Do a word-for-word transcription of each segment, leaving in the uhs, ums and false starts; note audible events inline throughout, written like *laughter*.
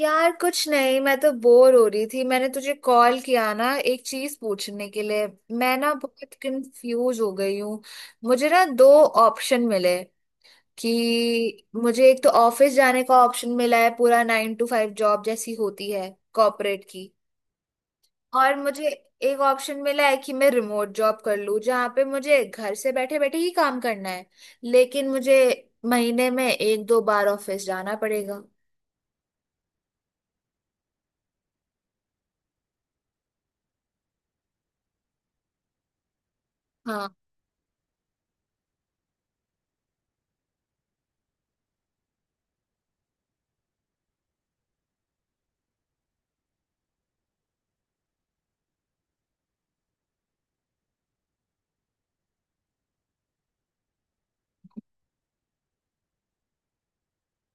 यार कुछ नहीं। मैं तो बोर हो रही थी, मैंने तुझे कॉल किया ना एक चीज पूछने के लिए। मैं ना बहुत कंफ्यूज हो गई हूँ। मुझे ना दो ऑप्शन मिले कि मुझे एक तो ऑफिस जाने का ऑप्शन मिला है, पूरा नाइन टू फाइव जॉब जैसी होती है कॉर्पोरेट की। और मुझे एक ऑप्शन मिला है कि मैं रिमोट जॉब कर लूँ जहाँ पे मुझे घर से बैठे बैठे ही काम करना है लेकिन मुझे महीने में एक दो बार ऑफिस जाना पड़ेगा। हाँ।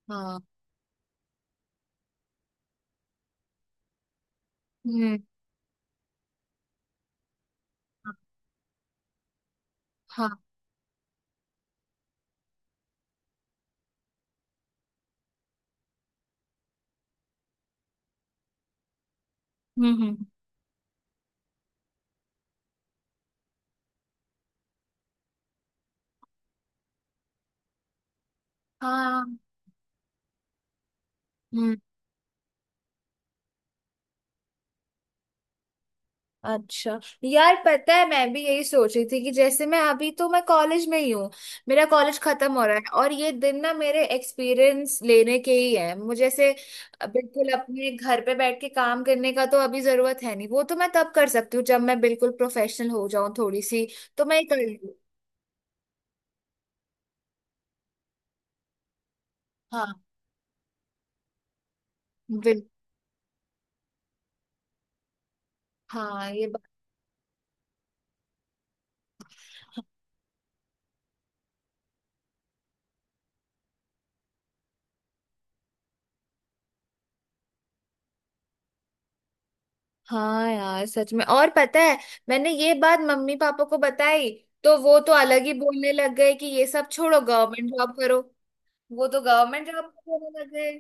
हाँ। हम्म। हाँ। हम्म। हम्म। हाँ। हम्म। अच्छा। यार पता है, मैं भी यही सोच रही थी कि जैसे मैं अभी तो मैं कॉलेज में ही हूँ, मेरा कॉलेज खत्म हो रहा है और ये दिन ना मेरे एक्सपीरियंस लेने के ही है। मुझे ऐसे बिल्कुल अपने घर पे बैठ के काम करने का तो अभी जरूरत है नहीं। वो तो मैं तब कर सकती हूँ जब मैं बिल्कुल प्रोफेशनल हो जाऊं थोड़ी सी। तो मैं ये कर लूँ। हाँ। बिल्कुल। हाँ ये। हाँ यार सच में। और पता है, मैंने ये बात मम्मी पापा को बताई तो वो तो अलग ही बोलने लग गए कि ये सब छोड़ो गवर्नमेंट जॉब करो। वो तो गवर्नमेंट जॉब करने लग गए।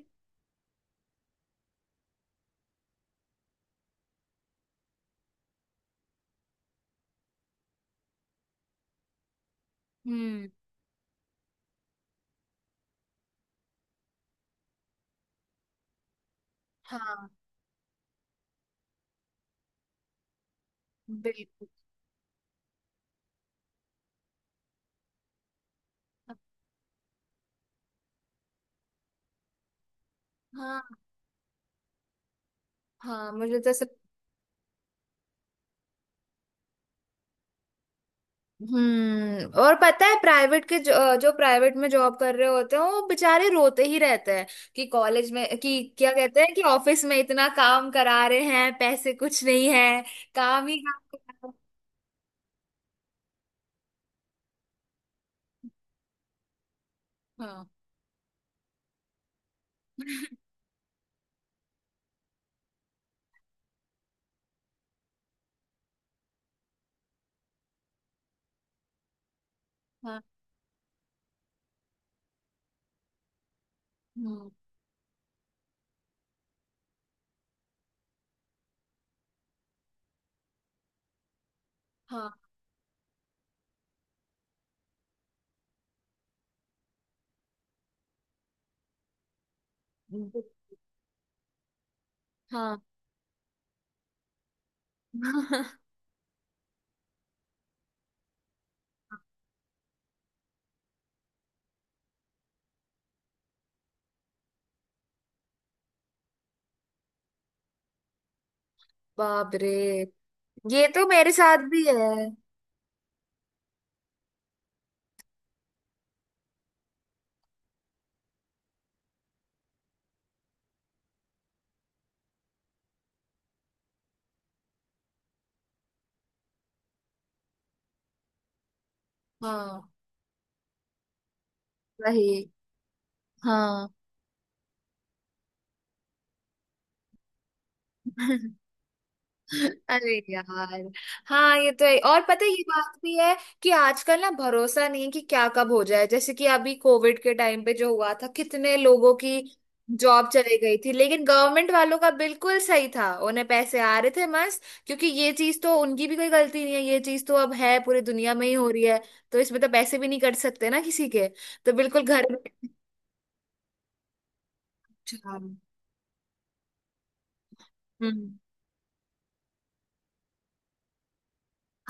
हम्म। हाँ। बिल्कुल। हाँ। हाँ, मुझे तो सब। हम्म। और पता है, प्राइवेट के जो, जो प्राइवेट में जॉब कर रहे होते हैं वो बेचारे रोते ही रहते हैं कि कॉलेज में कि क्या कहते हैं कि ऑफिस में इतना काम करा रहे हैं पैसे कुछ नहीं है। काम ही काम करा रहे हैं। हाँ। *laughs* हम्म। हाँ। हाँ। *laughs* बाप रे, ये तो मेरे साथ भी है। हाँ वही। हाँ। *laughs* अरे यार। हाँ ये तो है। और पता है, ये बात भी है कि आजकल ना भरोसा नहीं है कि क्या कब हो जाए। जैसे कि अभी कोविड के टाइम पे जो हुआ था कितने लोगों की जॉब चली गई थी, लेकिन गवर्नमेंट वालों का बिल्कुल सही था, उन्हें पैसे आ रहे थे मस्त। क्योंकि ये चीज तो उनकी भी कोई गलती नहीं है, ये चीज तो अब है पूरी दुनिया में ही हो रही है। तो इसमें तो पैसे भी नहीं कट सकते ना किसी के। तो बिल्कुल घर में। अच्छा। हम्म।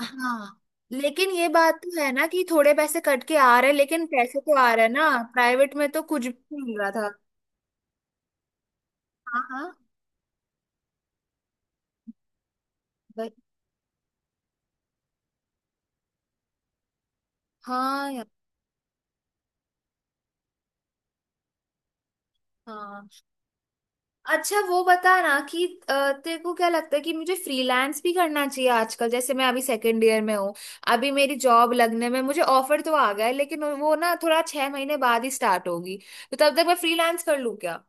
हाँ, लेकिन ये बात तो है ना कि थोड़े पैसे कट के आ रहे हैं लेकिन पैसे तो आ रहे हैं ना। प्राइवेट में तो कुछ भी नहीं मिल रहा था। हाँ। हाँ। भाई। हाँ यार। हाँ। अच्छा वो बता ना कि अ, तेरे को क्या लगता है कि मुझे फ्रीलांस भी करना चाहिए आजकल? जैसे मैं अभी सेकंड ईयर में हूँ, अभी मेरी जॉब लगने में मुझे ऑफर तो आ गया है लेकिन वो ना थोड़ा छह महीने बाद ही स्टार्ट होगी। तो तब तक मैं फ्रीलांस कर लूँ क्या?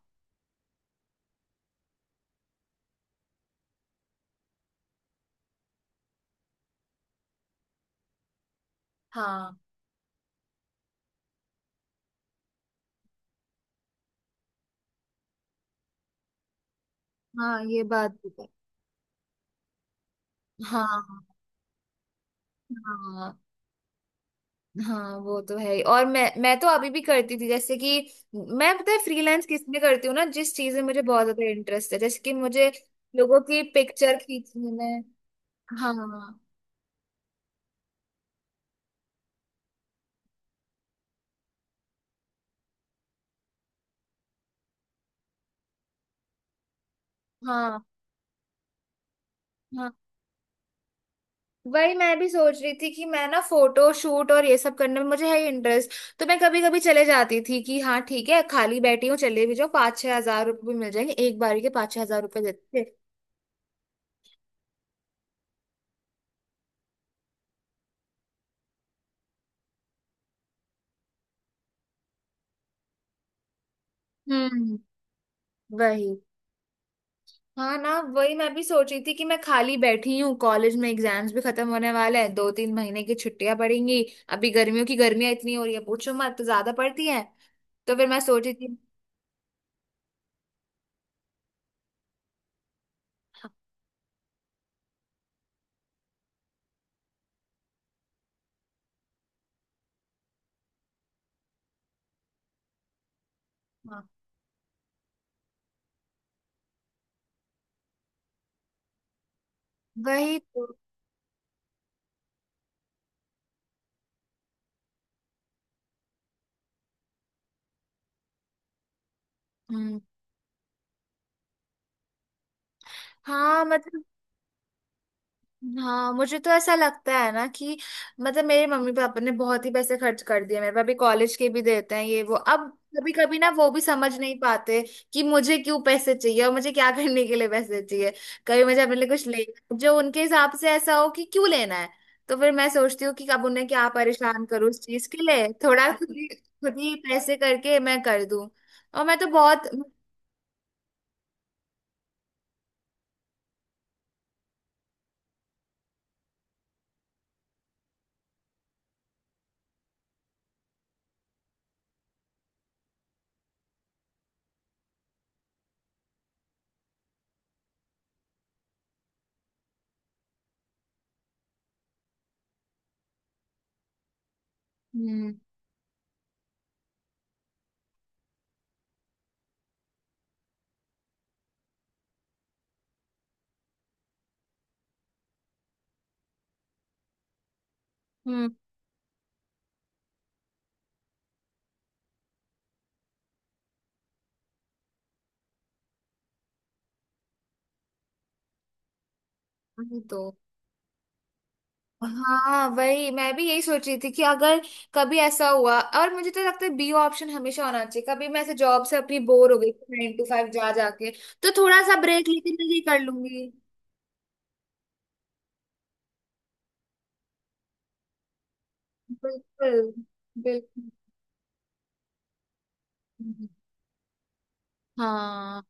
हाँ। हाँ ये बात भी है। हाँ। हाँ। हाँ वो तो है ही। और मैं मैं तो अभी भी करती थी, जैसे कि मैं पता है फ्रीलांस किस में करती हूँ ना, जिस चीज में मुझे बहुत ज्यादा इंटरेस्ट है, जैसे कि मुझे लोगों की पिक्चर खींचने में। हाँ। हाँ। हाँ वही मैं भी सोच रही थी कि मैं ना फोटो शूट और ये सब करने में मुझे है इंटरेस्ट। तो मैं कभी कभी चले जाती थी कि हाँ ठीक है खाली बैठी हूँ चले भी जाओ, पाँच छह हजार रुपये भी मिल जाएंगे। एक बार के पाँच छह हजार रुपये देते थे। हम्म। वही। हाँ ना, वही मैं भी सोच रही थी कि मैं खाली बैठी हूँ कॉलेज में, एग्जाम्स भी खत्म होने वाले हैं, दो तीन महीने की छुट्टियां पड़ेंगी। अभी गर्मियों की, गर्मियां इतनी हो रही है पूछो मत, तो ज्यादा पड़ती है। तो फिर मैं सोच रही थी। हाँ वही तो। हम्म। हाँ मतलब। हाँ मुझे तो ऐसा लगता है ना कि मतलब मेरे मम्मी पापा ने बहुत ही पैसे खर्च कर दिए, मेरे पापा कॉलेज के भी देते हैं ये वो। अब कभी कभी ना वो भी समझ नहीं पाते कि मुझे क्यों पैसे चाहिए और मुझे क्या *laughs* करने के लिए पैसे चाहिए। कभी मुझे अपने लिए कुछ लेना जो उनके हिसाब से ऐसा हो कि क्यों लेना है। तो फिर मैं सोचती हूँ कि अब उन्हें क्या परेशान करूँ उस चीज के लिए, थोड़ा खुद ही खुद ही पैसे करके मैं कर दूं। और मैं तो बहुत। हम्म। हम्म। वही तो। हाँ वही मैं भी यही सोच रही थी कि अगर कभी ऐसा हुआ, और मुझे तो लगता है बी ऑप्शन हमेशा होना चाहिए, कभी मैं ऐसे जॉब से अपनी बोर हो गई नाइन टू फाइव जा जाके, तो थोड़ा सा ब्रेक लेके मैं ये कर लूंगी। बिल्कुल। बिल्कुल। हाँ।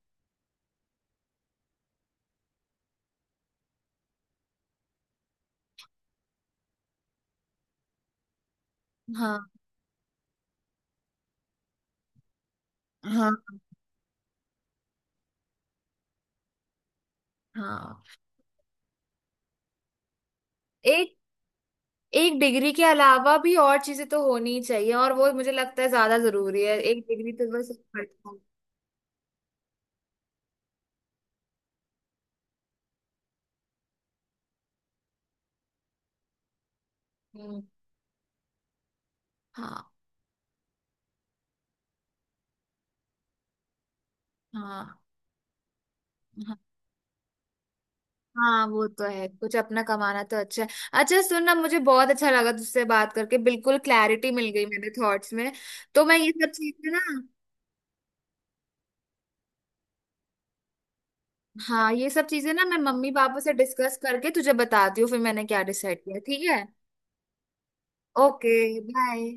हाँ। हाँ। हाँ। एक एक डिग्री के अलावा भी और चीजें तो होनी ही चाहिए और वो मुझे लगता है ज्यादा जरूरी है। एक डिग्री तो बस पड़ता है। हम्म। हाँ। हाँ। हाँ वो तो है, कुछ अपना कमाना तो अच्छा है। अच्छा सुन ना, मुझे बहुत अच्छा लगा तुझसे बात करके, बिल्कुल क्लैरिटी मिल गई मेरे थॉट्स में। तो मैं ये सब चीजें ना। हाँ, ये सब चीजें ना मैं मम्मी पापा से डिस्कस करके तुझे बताती हूँ फिर मैंने क्या डिसाइड किया, ठीक है? Okay, bye.